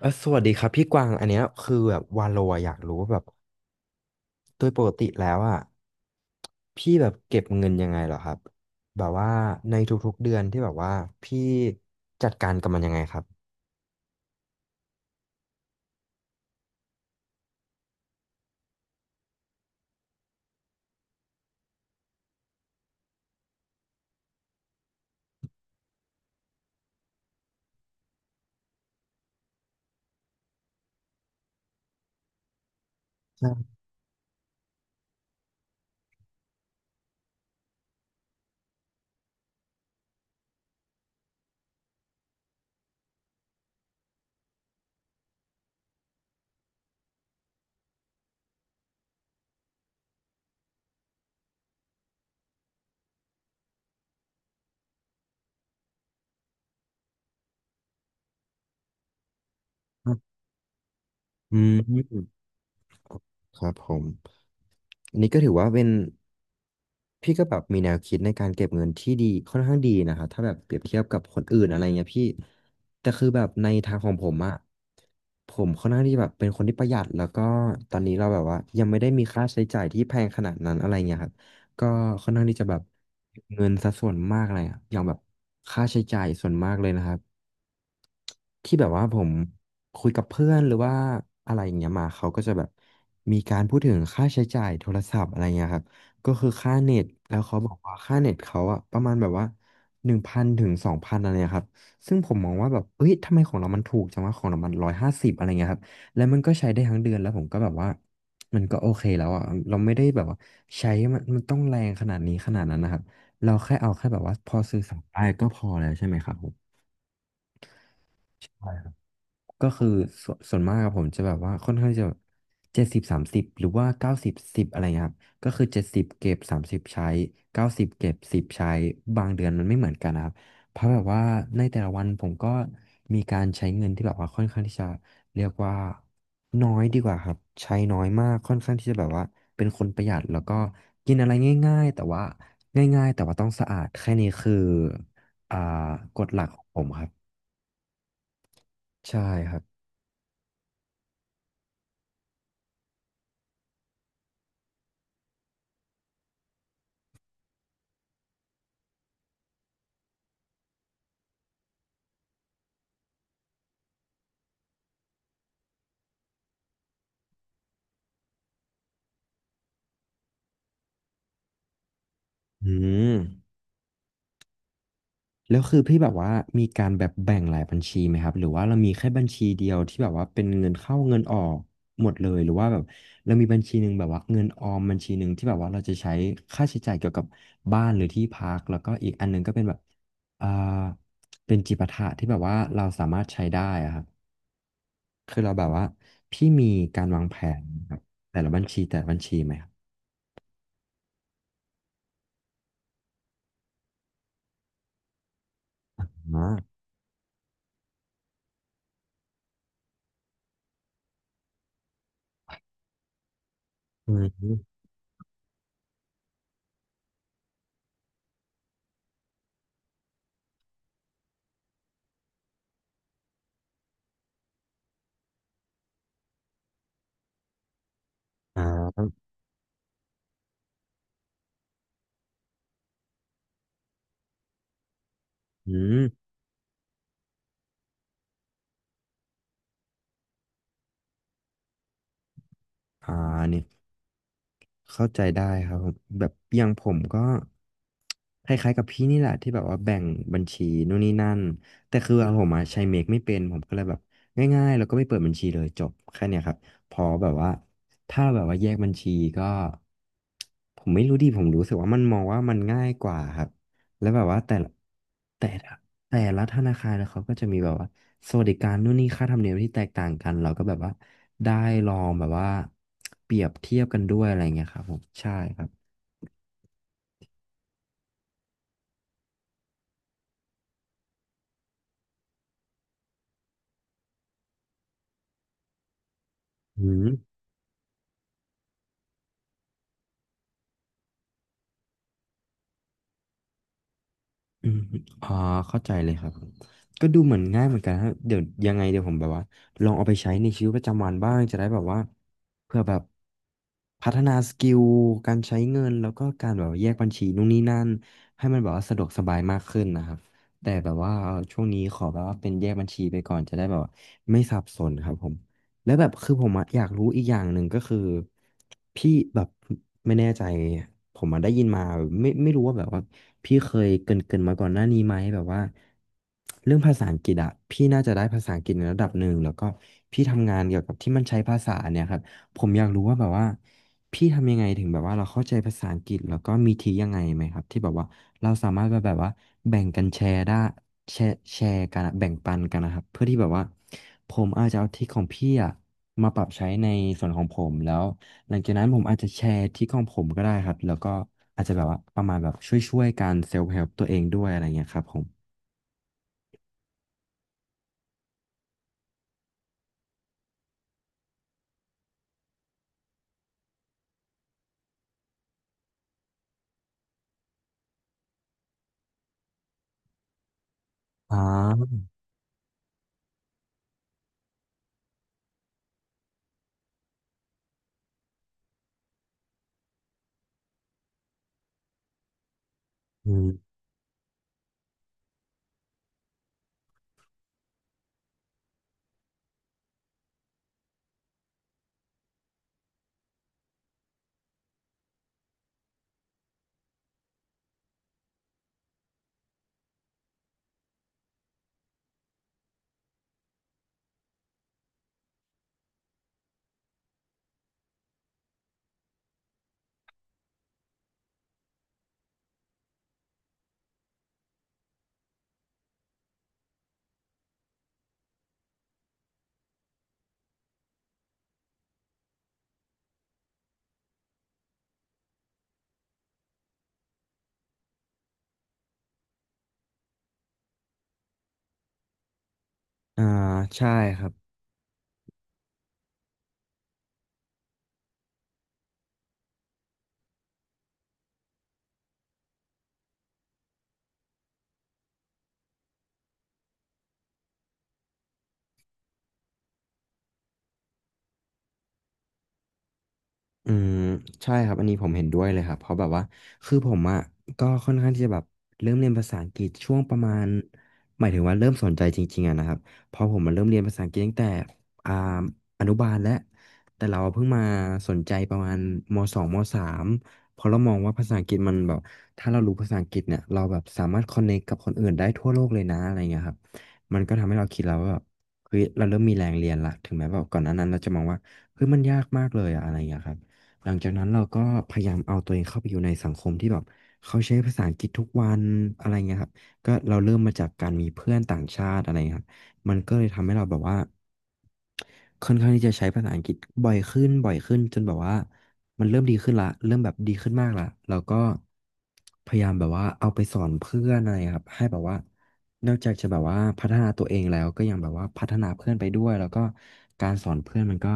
เออสวัสดีครับพี่กวางอันเนี้ยคือแบบวาโลอะอยากรู้ว่าแบบโดยปกติแล้วอ่ะพี่แบบเก็บเงินยังไงเหรอครับแบบว่าในทุกๆเดือนที่แบบว่าพี่จัดการกับมันยังไงครับใช่ครับอืม ครับผมอันนี้ก็ถือว่าเป็นพี่ก็แบบมีแนวคิดในการเก็บเงินที่ดีค่อนข้างดีนะครับถ้าแบบเปรียบเทียบกับคนอื่นอะไรเงี้ยพี่แต่คือแบบในทางของผมอะผมค่อนข้างที่แบบเป็นคนที่ประหยัดแล้วก็ตอนนี้เราแบบว่ายังไม่ได้มีค่าใช้จ่ายที่แพงขนาดนั้นอะไรเงี้ยครับ ก็ค่อนข้างที่จะแบบเงินสัดส่วนมากเลยอะอย่างแบบค่าใช้จ่ายส่วนมากเลยนะครับที่แบบว่าผมคุยกับเพื่อนหรือว่าอะไรอย่างเงี้ยมาเขาก็จะแบบมีการพูดถึงค่าใช้จ่ายโทรศัพท์อะไรเงี้ยครับก็คือค่าเน็ตแล้วเขาบอกว่าค่าเน็ตเขาอะประมาณแบบว่า1,000ถึง2,000อะไรเงี้ยครับซึ่งผมมองว่าแบบเอ้ยทำไมของเรามันถูกจังวะของเรามัน150อะไรเงี้ยครับแล้วมันก็ใช้ได้ทั้งเดือนแล้วผมก็แบบว่า มันก็โอเคแล้วอ่ะเราไม่ได้แบบว่าใช้มันต้องแรงขนาดนี้ขนาดนั้นนะครับเราแค่เอาแค่แบบว่าพอสื่อสารได้ก็พอแล้วใช่ไหมครับผม ก็คือส่วนมากอะผมจะแบบว่าค่อนข้างจะ70/30หรือว่า90/10อะไรเงี้ยครับก็คือเจ็ดสิบเก็บสามสิบใช้เก้าสิบเก็บสิบใช้บางเดือนมันไม่เหมือนกันนะครับเพราะแบบว่าในแต่ละวันผมก็มีการใช้เงินที่แบบว่าค่อนข้างที่จะเรียกว่าน้อยดีกว่าครับใช้น้อยมากค่อนข้างที่จะแบบว่าเป็นคนประหยัดแล้วก็กินอะไรง่ายๆแต่ว่าง่ายๆแต่ว่าต้องสะอาดแค่นี้คืออ่ากฎหลักของผมครับใช่ครับอืม แล้วคือพี่แบบว่ามีการแบบแบ่งหลายบัญชีไหมครับหรือว่าเรามีแค่บัญชีเดียวที่แบบว่าเป็นเงินเข้าเงินออกหมดเลยหรือว่าแบบเรามีบัญชีหนึ่งแบบว่าเงินออมบัญชีหนึ่งที่แบบว่าเราจะใช้ค่าใช้จ่ายเกี่ยวกับบ้านหรือที่พักแล้วก็อีกอันหนึงก็เป็นแบบอ่าเป็นจิปาถะที่แบบว่าเราสามารถใช้ได้อะครับคือเราแบบว่าพี่มีการวางแผนครับแต่ละบัญชีไหมครับอ๋ออืมอ่าอืมอ่าเนี่ย เข้าใจได้ครับผมแบบอย่างผมก็คล้ายๆกับพี่นี่แหละที่แบบว่าแบ่งบัญชีนู่นนี่นั่นแต่คืออะผมอะใช้เมคไม่เป็นผมก็เลยแบบง่ายๆแล้วก็ไม่เปิดบัญชีเลยจบแค่เนี้ยครับพอแบบว่าถ้าแบบว่าแยกบัญชีก็ผมไม่รู้ดิผมรู้สึกว่ามันมองว่ามันง่ายกว่าครับแล้วแบบว่าแต่ละ แต่ละธนาคารนะเขาก็จะมีแบบว่าสวัสดิการนู่นนี่ค่าธรรมเนียมที่แตกต่างกันเราก็แบบว่าได้ลองแบบว่าเปรียบเทียบกันด้วยอะไรเงี้ยครับผมใช่ครับอืม อืมอ๋อเข้าใจเลยครับก็ดูเหมือนง่ายเหมือนกันฮะเดี๋ยวยังไงเดี๋ยวผมแบบว่าลองเอาไปใช้ในชีวิตประจำวันบ้างจะได้แบบว่าเพื่อแบบพัฒนาสกิลการใช้เงินแล้วก็การแบบว่าแยกบัญชีนู่นนี่นั่นให้มันแบบว่าสะดวกสบายมากขึ้นนะครับแต่แบบว่าช่วงนี้ขอแบบว่าเป็นแยกบัญชีไปก่อนจะได้แบบว่าไม่สับสนครับผม แล้วแบบคือผมอะอยากรู้อีกอย่างหนึ่งก็คือพี่แบบไม่แน่ใจผมมาได้ยินมาไม่รู้ว่าแบบว่าพี่เคยเกรินมาก่อนหน้านี้ไหมแบบว่าเรื่องภาษาอังกฤษอะพี่น่าจะได้ภาษาอังกฤษในระดับหนึ่งแล้วก็พี่ทำงานเกี่ยวกับที่มันใช้ภาษาเนี่ยครับผมอยากรู้ว่าแบบว่าพี่ทำยังไงถึงแบบว่าเราเข้าใจภาษาอังกฤษแล้วก็มีทียังไงไหมครับที่แบบว่า เราสามารถแบบว่าแบ่งกันแชร์ได้แชร์กันอะแบ่งปันกันนะครับเพื่อที่แบบว่าผมอาจจะเอาทริคของพี่อะมาปรับใช้ในส่วนของผมแล้วหลังจากนั้นผมอาจจะแชร์ทริคของผมก็ได้ครับแล้วก็อาจจะแบบว่าประมาณแบบช่วยๆกันเซลฟ์เฮล์ตัวเองด้วยอะไรเงี้ยครับผมอ่าอืมอ่าใช่ครับ อืมใช่ครับอันนี้ผมเห็นด้วยเลยครับเพราะแบบว่าคือผมอ่ะก็ค่อนข้างที่จะแบบเริ่มเรียนภาษาอังกฤษช่วงประมาณหมายถึงว่าเริ่มสนใจจริงๆอะนะครับเพราะผมมาเริ่มเรียนภาษาอังกฤษตั้งแต่อ่าอนุบาลแล้วแต่เราเพิ่งมาสนใจประมาณมสองมสามเพราะเรามองว่าภาษาอังกฤษมันแบบถ้าเรารู้ภาษาอังกฤษเนี่ยเราแบบสามารถคอนเนคกับคนอื่นได้ทั่วโลกเลยนะอะไรเงี้ยครับมันก็ทำให้เราคิดแล้วว่าแบบเฮ้ยเราเริ่มมีแรงเรียนละถึงแม้แบบก่อนหน้านั้นเราจะมองว่าเฮ้ยมันยากมากเลยอะอะไรอย่างเงี้ยครับ หลังจากนั้นเราก็พยายามเอาตัวเองเข้าไปอยู่ในสังคมที่แบบเขาใช้ภาษาอังกฤษทุกวันอะไรเงี้ยครับก็เราเริ่มมาจากการมีเพื่อนต่างชาติอะไรเงี้ยครับมันก็เลยทำให้เราแบบว่าค่อนข้างที่จะใช้ภาษาอังกฤษบ่อยขึ้นบ่อยขึ้นจนแบบว่ามันเริ่มดีขึ้นละเริ่มแบบดีขึ้นมากละแล้วก็พยายามแบบว่าเอาไปสอนเพื่อนอะไรครับให้แบบว่า นอกจากจะแบบว่าพัฒนาตัวเองแล้วก็ยังแบบว่าพัฒนาเพื่อนไปด้วยแล้วก็การสอนเพื่อนมันก็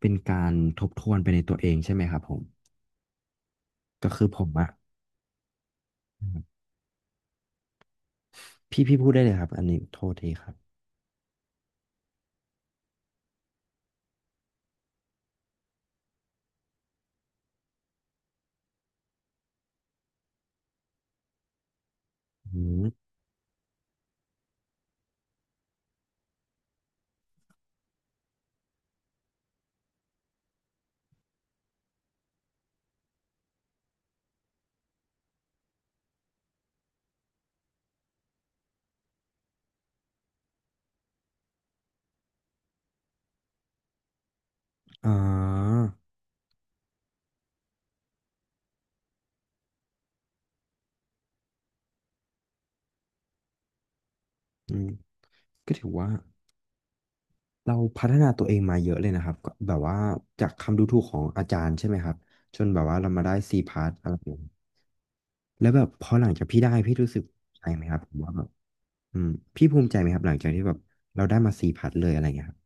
เป็นการทบทวนไปในตัวเองใช่ไหมครับผมก็คือผมอะพี่พูดได้เลยครับอันนี้โทษทีครับอืมอ่าอืมก็ถือว่าเราพัฒนาตัวเองมาเยอะเลยนะครับก็แบบว่าจากคำดูถูกของอาจารย์ใช่ไหมครับจนแบบว่าเรามาได้ซีพาร์ทอะไรอย่างนี้ยแล้วแบบพอหลังจากพี่ได้พี่รู้สึกภูมิใจไหมครับผมว่าแบบอืมพี่ภูมิใจไหมครับหลังจากที่แบบเราได้มาซีพาร์ทเลยอะไรเงี้ยครับ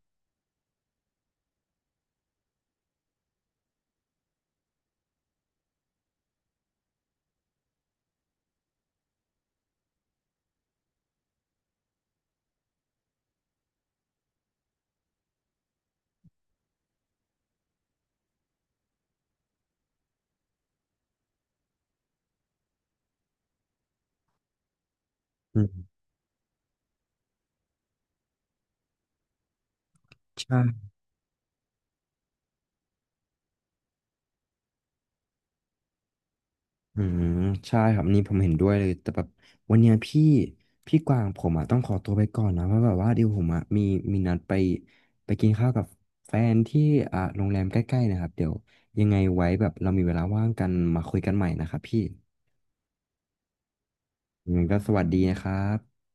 อืมใช่อืมใช่ครับนี่ผมเห็นด้วยเลยแต่แบบวันเนี้ยพี่กวางผมอ่ะต้องขอตัวไปก่อนนะเพราะแบบว่าเดี๋ยวผมอ่ะมีมีนัดไปกินข้าวกับแฟนที่โรงแรมใกล้ๆนะครับเดี๋ยวยังไงไว้แบบเรามีเวลาว่างกันมาคุยกันใหม่นะครับพี่ยังไงก็สวัสดีนะครับ